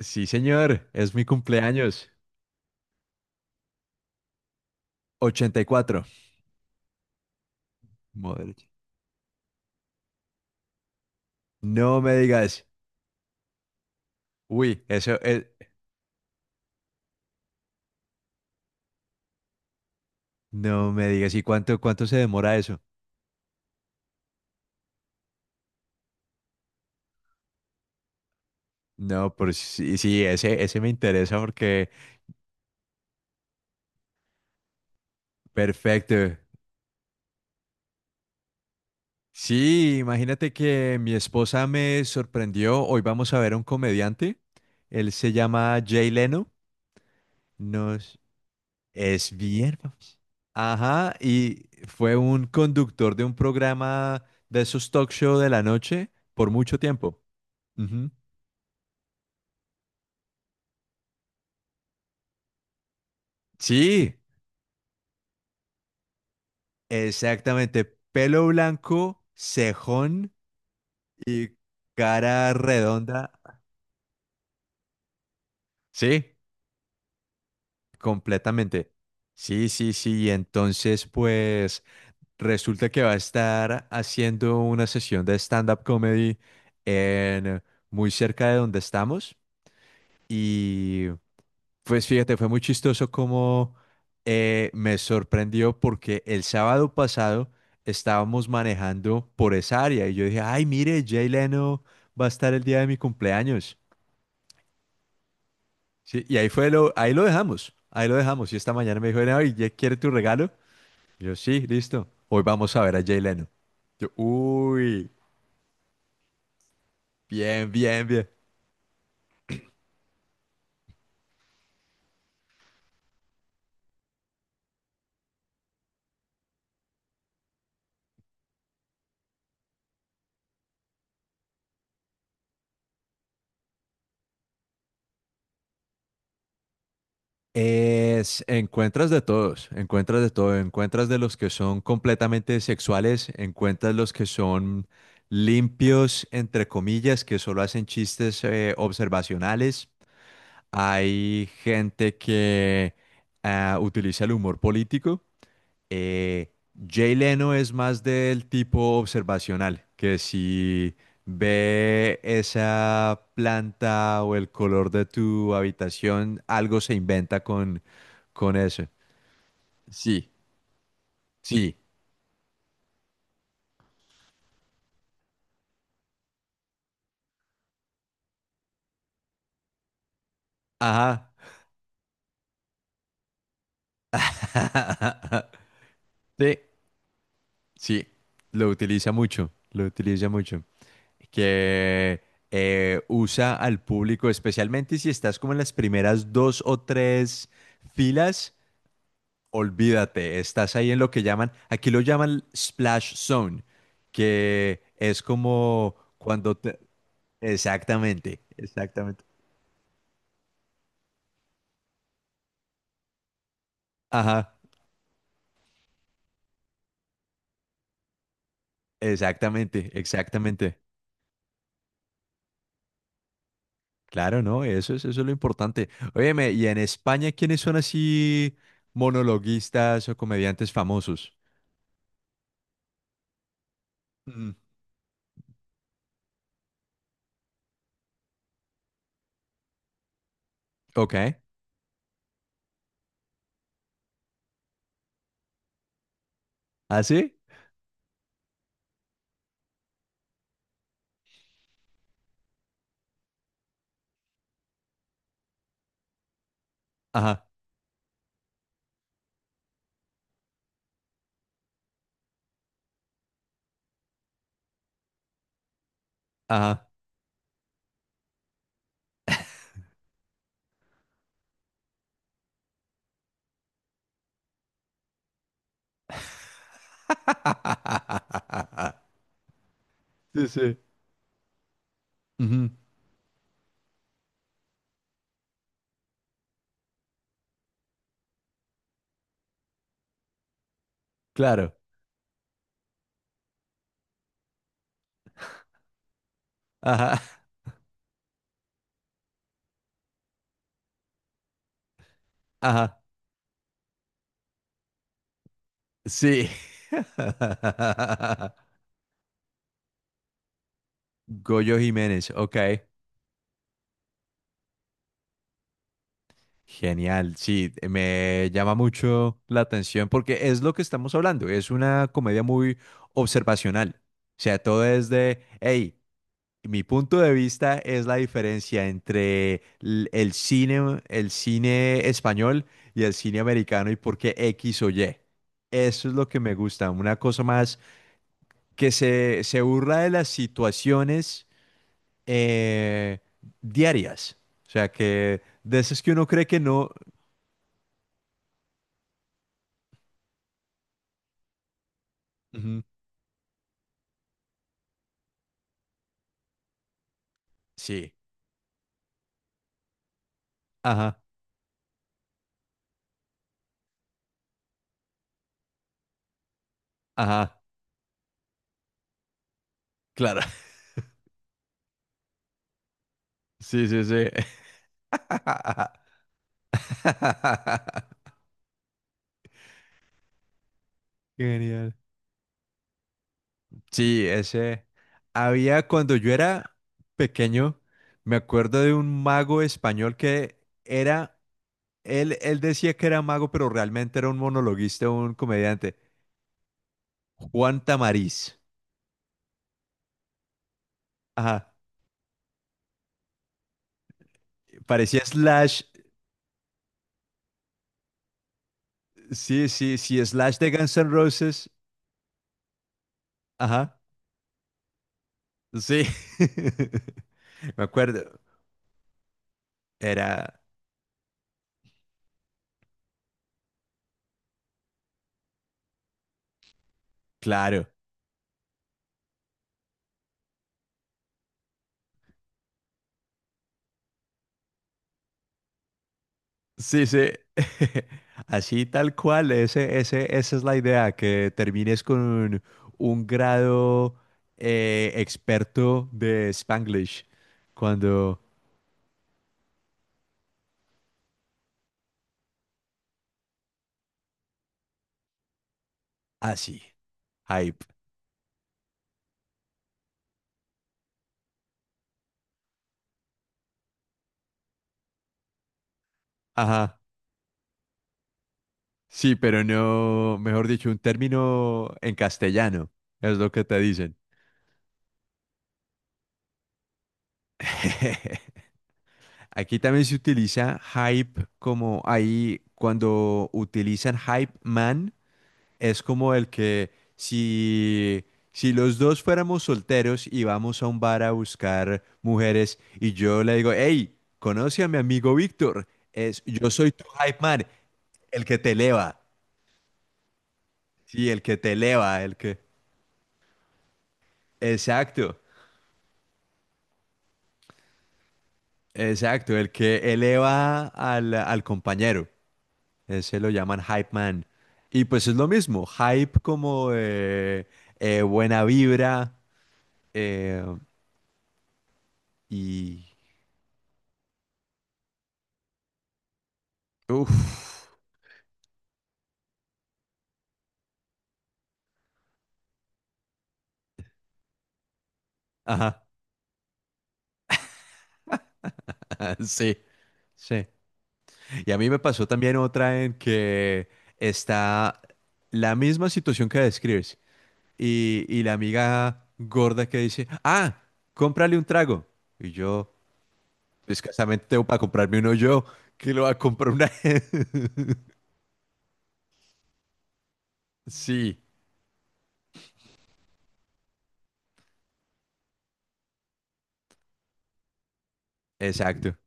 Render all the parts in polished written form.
Sí, señor, es mi cumpleaños. 84. Madre. No me digas. Uy, eso es. No me digas. ¿Y cuánto se demora eso? No, pero sí, sí, ese me interesa porque. Perfecto. Sí, imagínate que mi esposa me sorprendió. Hoy vamos a ver a un comediante. Él se llama Jay Leno. No. Es bien famoso. Ajá, y fue un conductor de un programa de esos talk show de la noche por mucho tiempo. Ujú. Sí, exactamente. Pelo blanco, cejón y cara redonda. Sí, completamente. Sí, sí, sí. Y entonces, pues, resulta que va a estar haciendo una sesión de stand-up comedy en muy cerca de donde estamos. Y pues fíjate, fue muy chistoso como me sorprendió porque el sábado pasado estábamos manejando por esa área y yo dije, ay, mire, Jay Leno va a estar el día de mi cumpleaños. Sí, y ahí fue lo, ahí lo dejamos, ahí lo dejamos. Y esta mañana me dijo, ay, ¿ya quiere tu regalo? Yo, sí, listo. Hoy vamos a ver a Jay Leno. Yo, uy, bien, bien, bien. Es, encuentras de todos, encuentras de todo, encuentras de los que son completamente sexuales, encuentras los que son limpios, entre comillas, que solo hacen chistes, observacionales, hay gente que utiliza el humor político. Eh, Jay Leno es más del tipo observacional, que si ve esa planta o el color de tu habitación, algo se inventa con eso. Sí, sí, ajá. Sí, sí, lo utiliza mucho, lo utiliza mucho. Que usa al público, especialmente si estás como en las primeras dos o tres filas, olvídate, estás ahí en lo que llaman, aquí lo llaman splash zone, que es como cuando te- Exactamente, exactamente. Ajá, exactamente, exactamente. Claro, no, eso es lo importante. Óyeme, ¿y en España quiénes son así monologuistas o comediantes famosos? Mm, ok, ¿así? Ajá. Ajá. Sí, sí. Ujú. Claro. Ajá, ajá. Sí. Goyo Jiménez, ok. Genial, sí, me llama mucho la atención porque es lo que estamos hablando, es una comedia muy observacional. O sea, todo es de, hey, mi punto de vista es la diferencia entre l- el cine español y el cine americano y por qué X o Y. Eso es lo que me gusta, una cosa más que se burla de las situaciones, eh, diarias. O sea, que de esas que uno cree que no. Ujú. Sí, ajá, ajá, claro. Sí, sí, sí. Genial. Sí, ese. Había cuando yo era pequeño, me acuerdo de un mago español que era, él decía que era mago, pero realmente era un monologuista, un comediante. Juan Tamariz. Ajá. Parecía Slash. Sí, sí, sí, Slash de Guns N' Roses. Ajá. Sí. Me acuerdo. Era, claro. Sí, sí. Así tal cual, ese, esa es la idea, que termines con un grado experto de Spanglish. Cuando, así, hype. Ajá. Sí, pero no, mejor dicho, un término en castellano, es lo que te dicen. Aquí también se utiliza hype como ahí cuando utilizan hype man. Es como el que si, si los dos fuéramos solteros y vamos a un bar a buscar mujeres y yo le digo, hey, conoce a mi amigo Víctor, es, yo soy tu hype man, el que te eleva, sí, el que te eleva, el que... Exacto, exacto, el que eleva al compañero, ese lo llaman hype man. Y pues es lo mismo, hype como buena vibra, eh, y... Uf, ajá. Ah, sí. Sí. Y a mí me pasó también otra en que está la misma situación que describes. Y la amiga gorda que dice, ah, cómprale un trago. Y yo, "Pues, escasamente tengo para comprarme uno yo, que lo va a comprar una... Sí, exacto.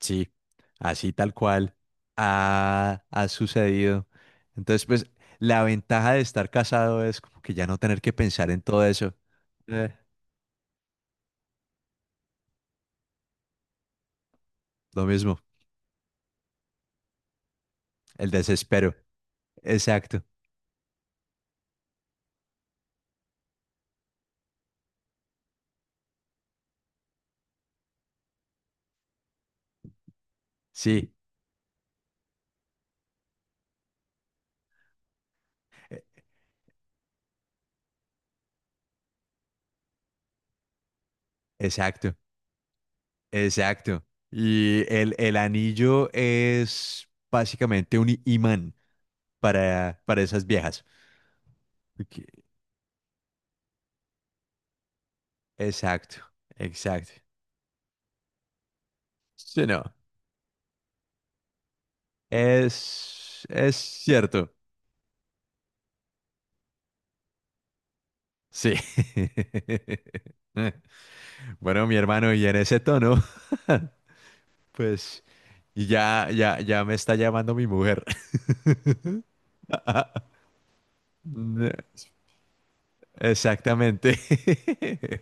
Sí, así tal cual ha sucedido. Entonces, pues, la ventaja de estar casado es como que ya no tener que pensar en todo eso. Eh, Lo mismo, el desespero. Exacto, sí, e- exacto, exacto. El anillo es básicamente un imán para esas viejas. Ok, exacto, exacto. Sí, no, es cierto, sí. Bueno, mi hermano, y en ese tono, pues ya me está llamando mi mujer. No, exactamente.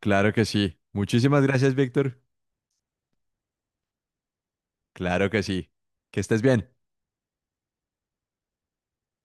Claro que sí. Muchísimas gracias, Víctor. Claro que sí. Que estés bien.